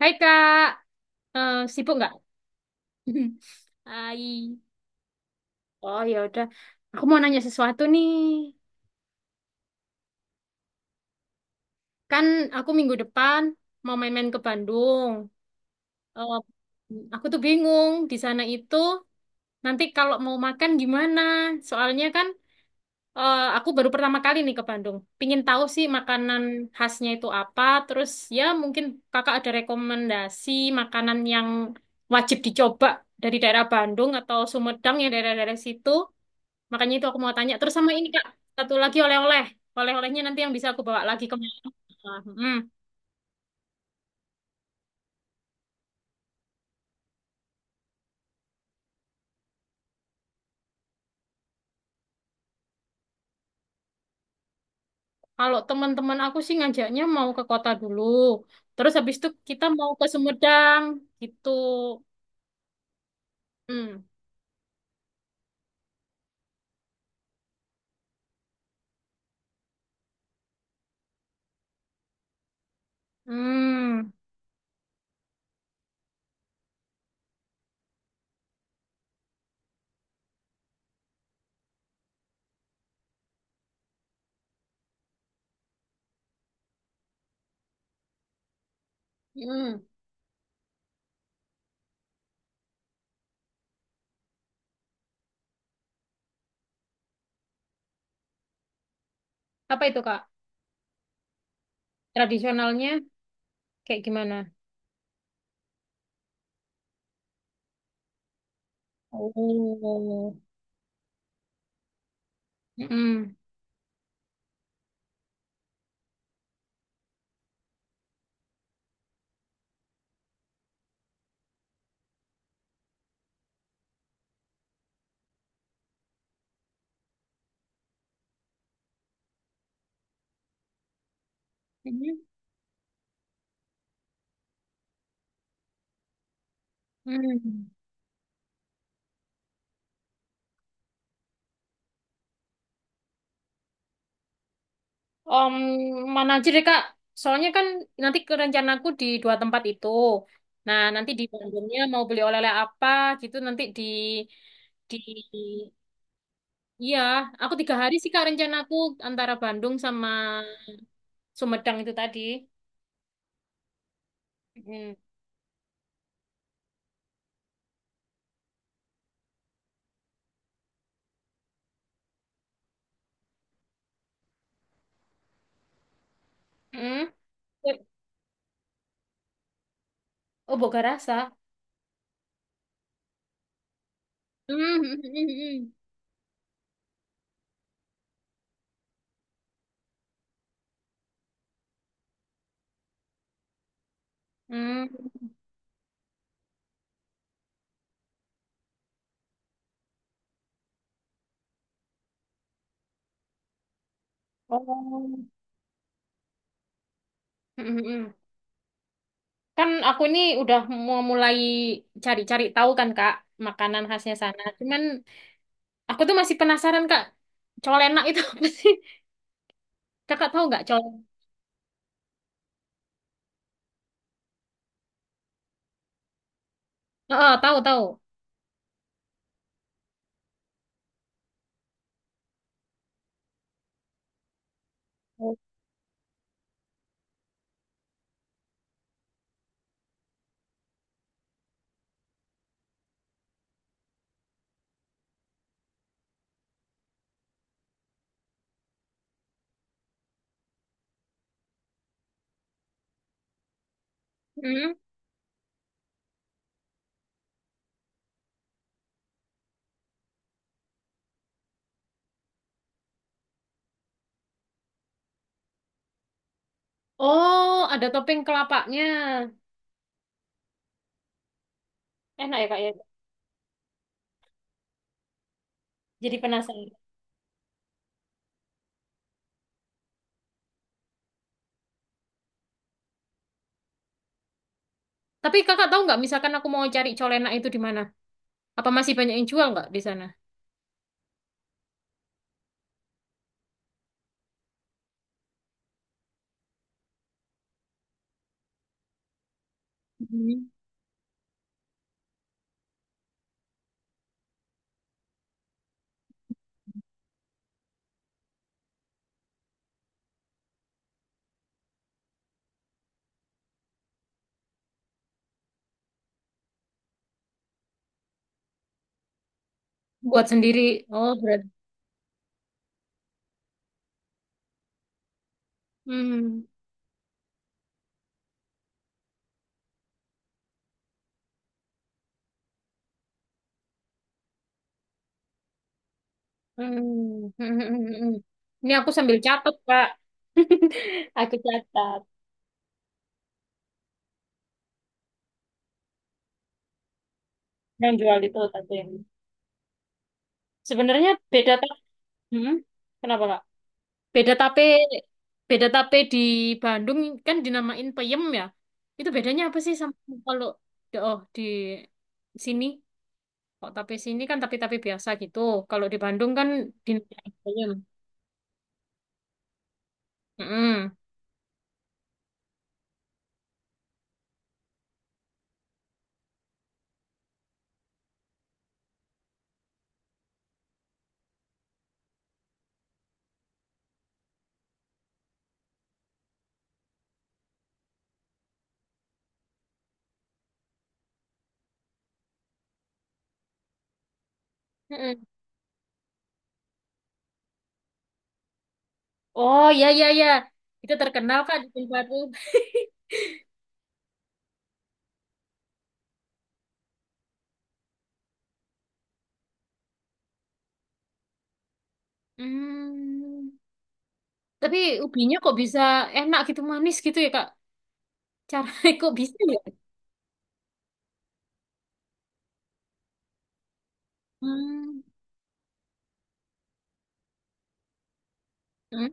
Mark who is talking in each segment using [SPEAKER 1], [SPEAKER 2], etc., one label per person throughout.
[SPEAKER 1] Hai Kak, eh, sibuk nggak? Hai, oh ya udah, aku mau nanya sesuatu nih. Kan aku minggu depan mau main-main ke Bandung. Eh, aku tuh bingung di sana itu nanti kalau mau makan gimana? Soalnya kan aku baru pertama kali nih ke Bandung. Pingin tahu sih makanan khasnya itu apa. Terus ya mungkin kakak ada rekomendasi makanan yang wajib dicoba dari daerah Bandung atau Sumedang yang daerah-daerah situ. Makanya itu aku mau tanya. Terus sama ini Kak, satu lagi oleh-oleh. Oleh-olehnya nanti yang bisa aku bawa lagi kemana. Hmm. Kalau teman-teman aku sih ngajaknya mau ke kota dulu. Terus habis itu kita mau ke Sumedang gitu. Hmm. Hmm. Hmm. Apa itu Kak? Tradisionalnya kayak gimana? Oh. Hmm. Hmm. Hmm. Om mana aja deh Kak. Soalnya kan nanti ke rencanaku di dua tempat itu. Nah, nanti di Bandungnya mau beli oleh-oleh apa gitu nanti di iya, aku tiga hari sih Kak rencanaku antara Bandung sama Sumedang itu tadi. Mm. Mm. Oh, Boga Rasa. Mm. Mm. Mm. Oh. Mm-mm. Kan aku ini udah mau mulai cari-cari tahu kan Kak makanan khasnya sana. Cuman aku tuh masih penasaran Kak. Colenak itu apa sih? Kakak tahu nggak colek? Heeh, tahu tahu. Hmm. Oh, ada topeng kelapanya. Enak ya Kak ya. Jadi penasaran. Tapi Kakak tahu nggak misalkan aku mau cari colenak itu di mana? Apa masih banyak yang jual nggak di sana? Hmm. Buat sendiri. Oh, berarti. Hmm. Hmm. Hmm. Hmm, hmm. Hmm. Ini aku sambil catat, Kak. Aku catat. Yang jual itu tapi yang- sebenarnya beda tak? Hmm? Kenapa, Kak? Beda tape, beda tape di Bandung kan dinamain peyem ya. Itu bedanya apa sih sama kalau di- oh di sini kok tape sini kan tape-tape biasa gitu. Kalau di Bandung kan dinamain peyem. Mm-mm. Mm-mm. Oh ya ya ya. Itu terkenal kan di Baru. Hmm. Tapi ubinya kok bisa enak gitu manis gitu ya Kak? Caranya kok bisa ya? Hmm. Hmm.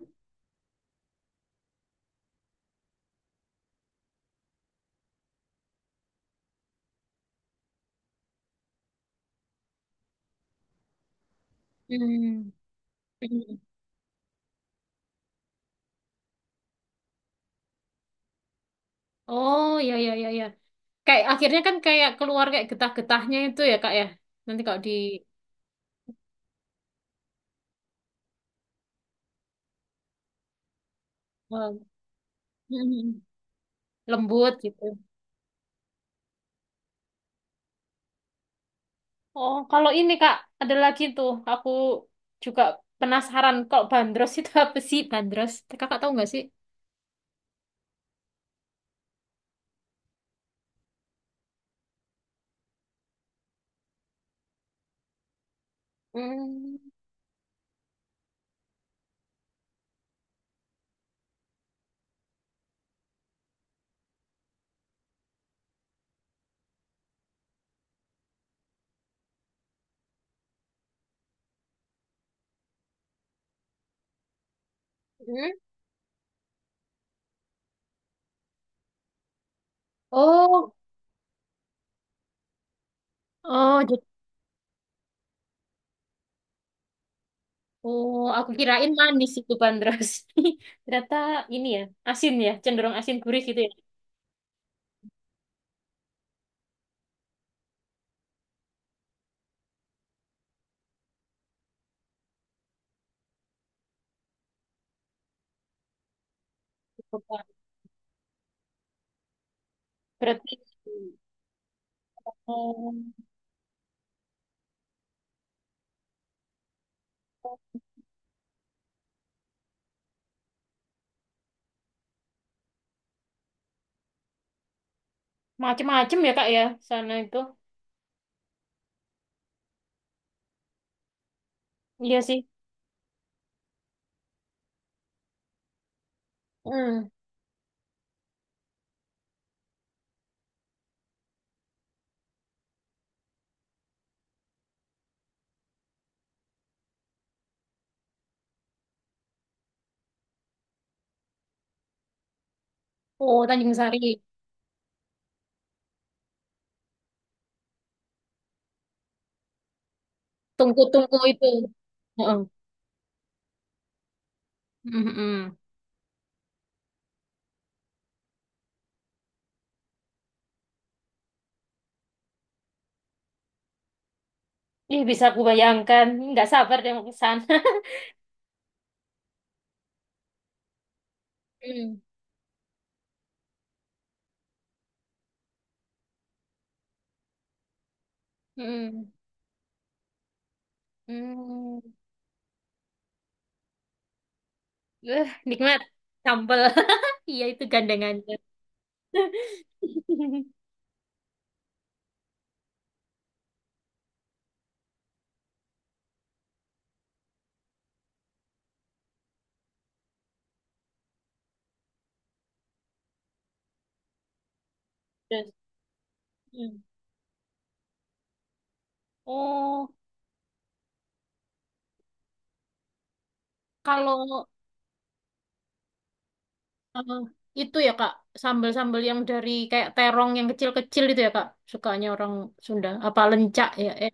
[SPEAKER 1] Hmm. Hmm. Oh ya ya ya ya. Kayak akhirnya kan kayak keluar kayak getah-getahnya itu ya Kak ya. Nanti kalau di eh, lembut gitu. Oh, kalau ini Kak, ada lagi tuh. Aku juga penasaran kalau bandros itu apa sih bandros? Kakak tahu nggak sih? Hmm. Hmm. Oh, oh, oh, aku kirain manis itu bandros. Ternyata ini ya, asin ya, cenderung asin gurih gitu ya. Berarti oh, macem-macem ya Kak ya, sana itu. Iya sih. Hmm. Oh, Tanjung Sari. Tungku-tungku itu. Heeh. Mm. Ih, bisa aku bayangkan. Nggak sabar deh mau ke sana. Hmm. Mm. Mm. Eh, nikmat. Sambal. Iya, itu gandengannya. Terus, mm. Oh, kalau eh, itu ya, Kak, sambal-sambal yang dari kayak terong yang kecil-kecil itu ya, Kak, sukanya orang Sunda. Apa lencak ya? Eh.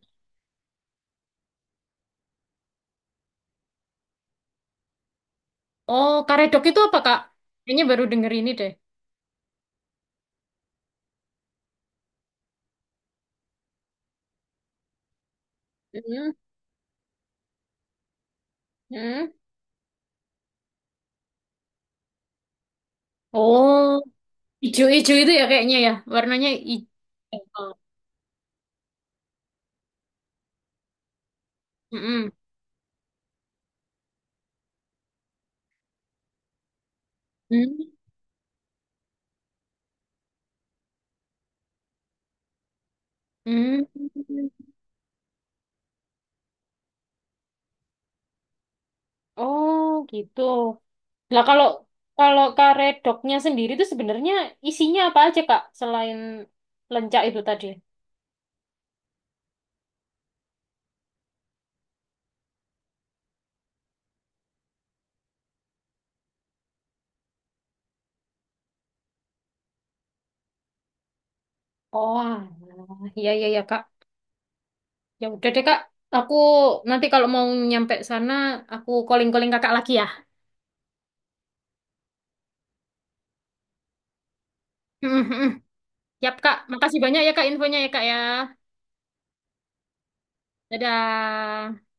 [SPEAKER 1] Oh, karedok itu apa, Kak? Kayaknya baru denger ini deh. Hmm. Mm. Oh, ijo-ijo itu ya kayaknya ya. Warnanya hijau. Mm-mm. Hmm. Hmm. Oh, gitu. Nah, kalau kalau karedoknya sendiri itu sebenarnya isinya apa aja, Kak? Selain lencak itu tadi. Oh, alah. Iya iya ya, Kak. Ya udah deh, Kak. Aku nanti kalau mau nyampe sana, aku calling-calling Kakak lagi ya. Mm-mm. Yap, Kak. Makasih banyak ya, Kak, infonya ya, Kak ya. Dadah.